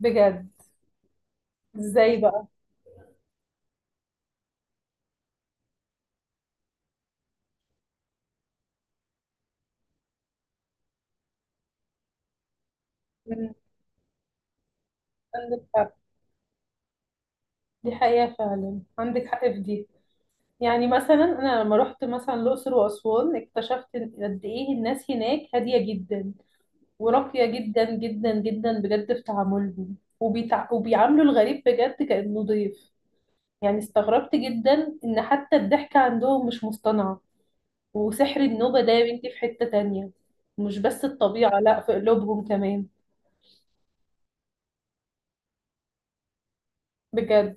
بجد. ازاي بقى؟ مم. عندك حق. دي حقيقة فعلا، عندك حق في دي. يعني مثلا أنا لما رحت مثلا الأقصر وأسوان اكتشفت قد إيه الناس هناك هادية جدا وراقية جدا جدا جدا بجد في تعاملهم وبيعاملوا الغريب بجد كأنه ضيف. يعني استغربت جدا ان حتى الضحكة عندهم مش مصطنعة. وسحر النوبة ده يا بنتي في حتة تانية. مش بس الطبيعة، لا، في قلوبهم كمان. بجد.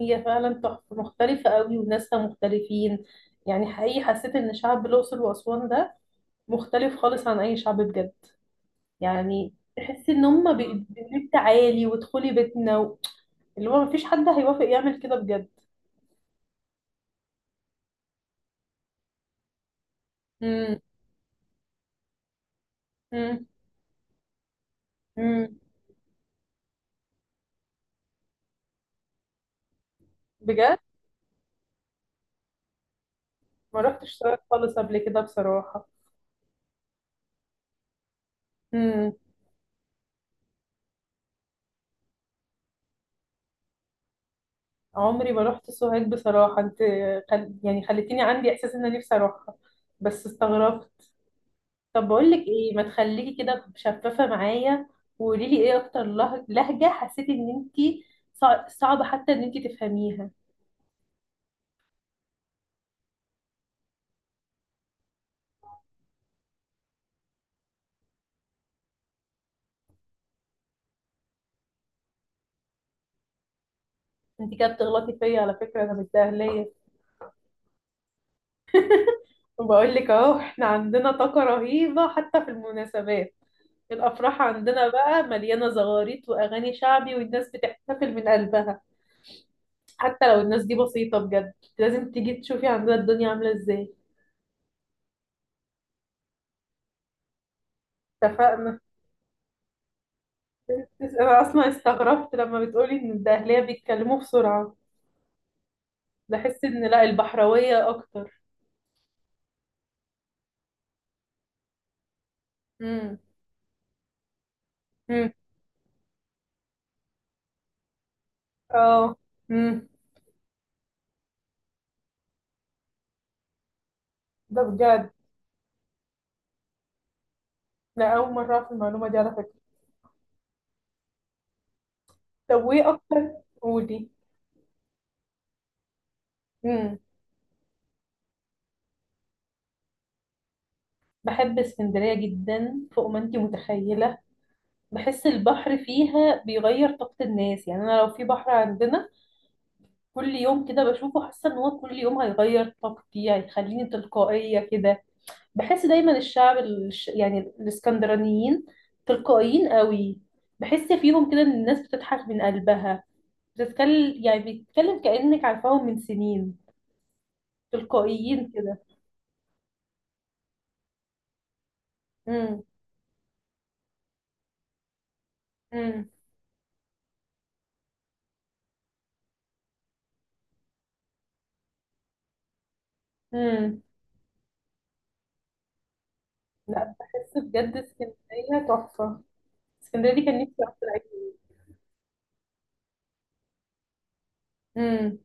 هي فعلا تحفة مختلفة قوي وناسها مختلفين. يعني حقيقي حسيت ان شعب الأقصر وأسوان ده مختلف خالص عن أي شعب بجد. يعني تحسي ان هما بيقولك تعالي وادخلي بيتنا اللي هو مفيش حد هيوافق يعمل كده بجد. امم. امم. بجد. ما رحتش سوهاج خالص قبل كده بصراحة. مم. عمري ما رحت سوهاج بصراحة انت. يعني خليتيني عندي احساس ان انا نفسي اروحها. بس استغربت. طب بقول لك ايه، ما تخليكي كده شفافة معايا. وقولي لي ايه اكتر لهجة حسيتي ان انت صعبة حتى ان انت تفهميها. انت كده بتغلطي فيا على فكرة، انا مش دهلية. وبقول لك اهو، احنا عندنا طاقة رهيبة حتى في المناسبات. الافراح عندنا بقى مليانة زغاريت واغاني شعبي، والناس بتحتفل من قلبها. حتى لو الناس دي بسيطة، بجد لازم تيجي تشوفي عندنا الدنيا عاملة ازاي. اتفقنا. انا اصلا استغربت لما بتقولي ان الدهلية بيتكلموا بسرعة. بحس ان لا، البحراوية اكتر. امم. امم. اه. امم. ده بجد. لا، اول مرة اعرف المعلومة دي على فكرة. طب وايه اكتر؟ قولي. امم. بحب اسكندرية جدا، فوق ما انتي متخيلة. بحس البحر فيها بيغير طاقة الناس. يعني انا لو في بحر عندنا كل يوم كده بشوفه، حاسه ان هو كل يوم هيغير طاقتي، هيخليني تلقائيه كده. بحس دايما الشعب يعني الاسكندرانيين تلقائيين قوي. بحس فيهم كده ان الناس بتضحك من قلبها. بتتكلم، يعني بتتكلم كأنك عارفاهم من سنين، تلقائيين كده. امم. امم. امم. لا بحس بجد اسكندريه تحفه. اسكندريه دي كان نفسي اروح العيد. امم.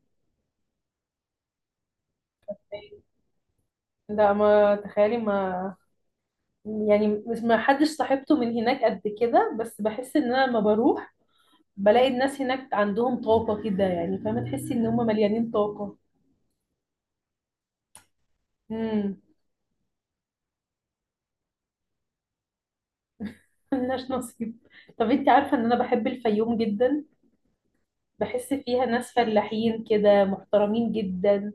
لا ما تخيلي. ما يعني مش ما حدش صاحبته من هناك قد كده، بس بحس ان انا لما بروح بلاقي الناس هناك عندهم طاقة كده، يعني فاهمة، تحسي ان هم مليانين طاقة. امم. ملناش نصيب. طب انت عارفة ان انا بحب الفيوم جدا. بحس فيها ناس فلاحين كده، محترمين جدا.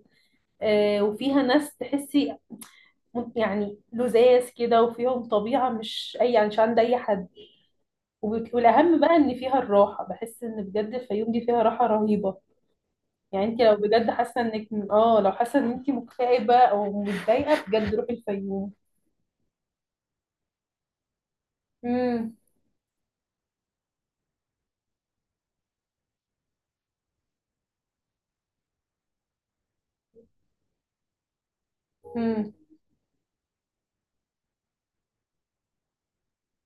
آه وفيها ناس تحسي يعني لذاذ كده، وفيهم طبيعة مش اي يعني مش عند اي حد. والاهم بقى ان فيها الراحة. بحس ان بجد الفيوم دي فيها راحة رهيبة. يعني انت لو بجد حاسه انك اه لو حاسه ان انت مكتئبه او متضايقه بجد روحي الفيوم. امم. امم.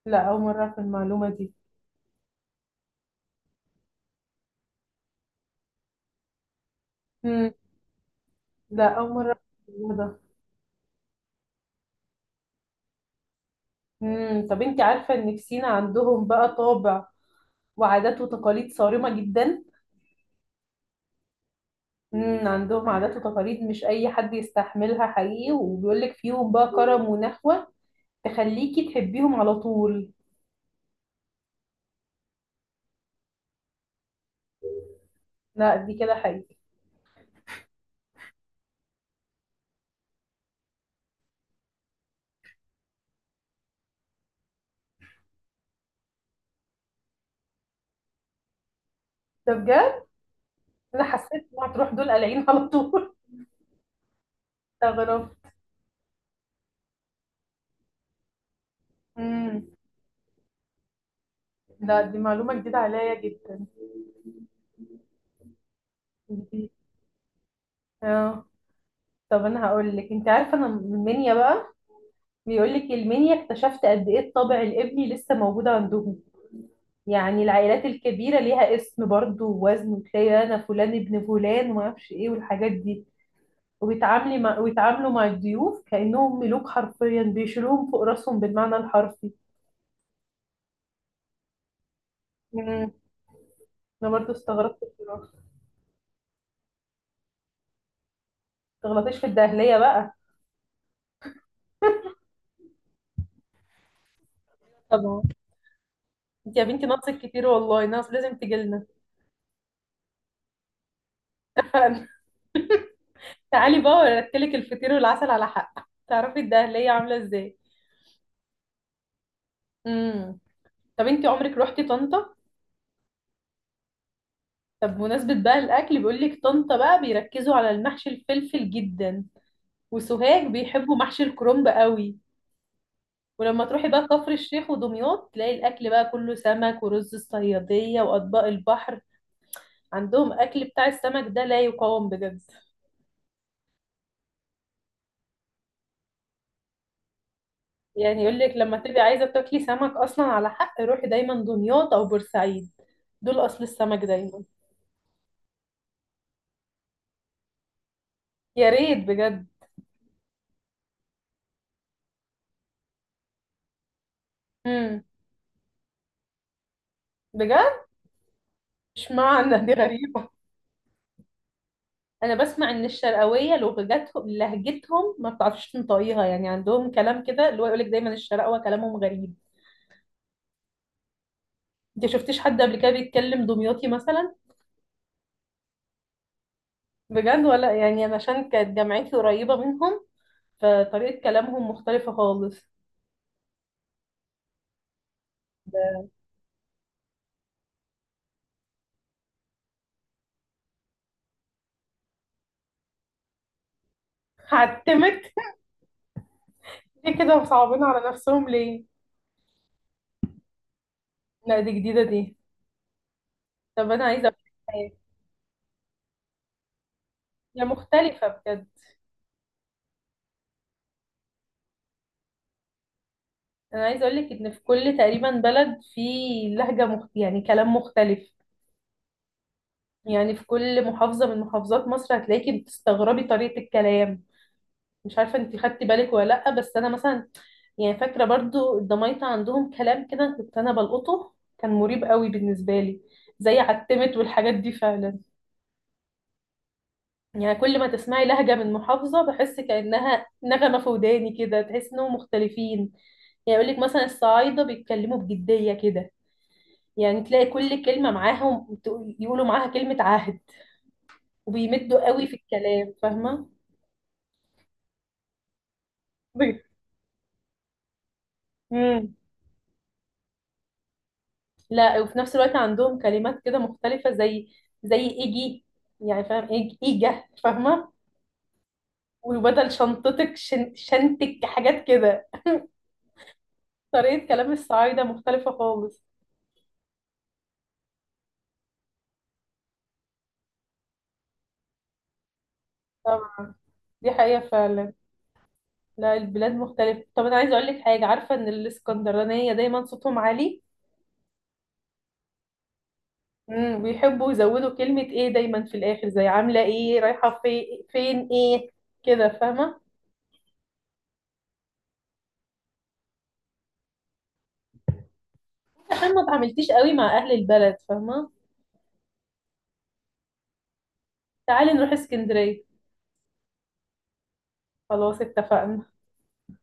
لا، اول مره في المعلومه دي. امم. لا، اول مره في الموضوع ده. امم. طب انت عارفه ان في سينا عندهم بقى طابع وعادات وتقاليد صارمه جدا. امم. عندهم عادات وتقاليد مش اي حد يستحملها حقيقي، وبيقول لك فيهم بقى كرم ونخوه تخليكي تحبيهم على طول. لا دي كده حقيقي. ده بجد. انا حسيت ان هتروح دول قلعين على طول. استغرب. امم. لا دي معلومة جديدة عليا جدا. جديد. اه. طب انا هقول لك، انت عارفة انا من المنيا بقى. بيقول لك المنيا، اكتشفت قد ايه الطابع الابني لسه موجود عندهم. يعني العائلات الكبيرة ليها اسم برضو ووزن. وتلاقي انا فلان ابن فلان وما اعرفش ايه والحاجات دي. وبيتعاملي مع ويتعاملوا مع الضيوف كأنهم ملوك حرفيا، بيشيلوهم فوق راسهم بالمعنى الحرفي. مم. انا برضو استغربت بصراحة. ما تغلطيش في الدهلية بقى. طبعا. انت يا بنتي ناقصك كتير والله، ناقص لازم تجيلنا. تعالي بقى ورتلك الفطير والعسل على حق تعرفي الدهلية عاملة ازاي. امم. طب انتي عمرك روحتي طنطا؟ طب بمناسبة بقى الأكل، بيقولك طنطا بقى بيركزوا على المحشي الفلفل جدا، وسوهاج بيحبوا محشي الكرنب قوي. ولما تروحي بقى كفر الشيخ ودمياط تلاقي الأكل بقى كله سمك ورز الصيادية وأطباق البحر. عندهم أكل بتاع السمك ده لا يقاوم بجد. يعني يقولك لما تبقي عايزة تاكلي سمك أصلا، على حق روحي دايما دمياط أو بورسعيد. دول أصل السمك دايما. يا ريت بجد. امم. بجد. اشمعنى دي غريبة. انا بسمع ان الشرقاوية لهجتهم ما بتعرفش تنطقيها. يعني عندهم كلام كده اللي هو يقولك دايما الشرقاوة كلامهم غريب. انت شفتيش حد قبل كده بيتكلم دمياطي مثلا؟ بجد ولا؟ يعني انا عشان كانت جامعتي قريبة منهم فطريقة كلامهم مختلفة خالص. ده هعتمك؟ ليه كده مصعبين على نفسهم؟ ليه؟ لا دي جديدة دي. طب انا عايزة أعرف. هي مختلفة بجد. انا عايزه اقول لك ان في كل تقريبا بلد في يعني كلام مختلف. يعني في كل محافظه من محافظات مصر هتلاقيكي بتستغربي طريقه الكلام. مش عارفه انت خدتي بالك ولا لا، بس انا مثلا، يعني فاكره برضو الدمايطه عندهم كلام كده كنت انا بلقطه كان مريب قوي بالنسبه لي، زي عتمت والحاجات دي فعلا. يعني كل ما تسمعي لهجه من محافظه بحس كانها نغمه في وداني، كده تحس انهم مختلفين. يعني يقول لك مثلا الصعايده بيتكلموا بجديه كده. يعني تلاقي كل كلمة معاهم يقولوا معاها كلمة عهد. وبيمدوا قوي في الكلام، فاهمة. امم. لا، وفي نفس الوقت عندهم كلمات كده مختلفة، زي ايجي. يعني فاهم ايجا، فاهمة. وبدل شنطتك شنتك، حاجات كده. طريقة كلام الصعايدة مختلفة خالص. طبعا. دي حقيقة فعلا. لا البلاد مختلفة. طب أنا عايزة أقول لك حاجة، عارفة إن الإسكندرانية دايما صوتهم عالي. امم. بيحبوا يزودوا كلمة ايه دايما في الآخر. زي عاملة ايه، رايحة فين ايه كده، فاهمة. عشان ما اتعاملتيش قوي مع أهل البلد، فاهمة. تعالي نروح اسكندرية. خلاص اتفقنا.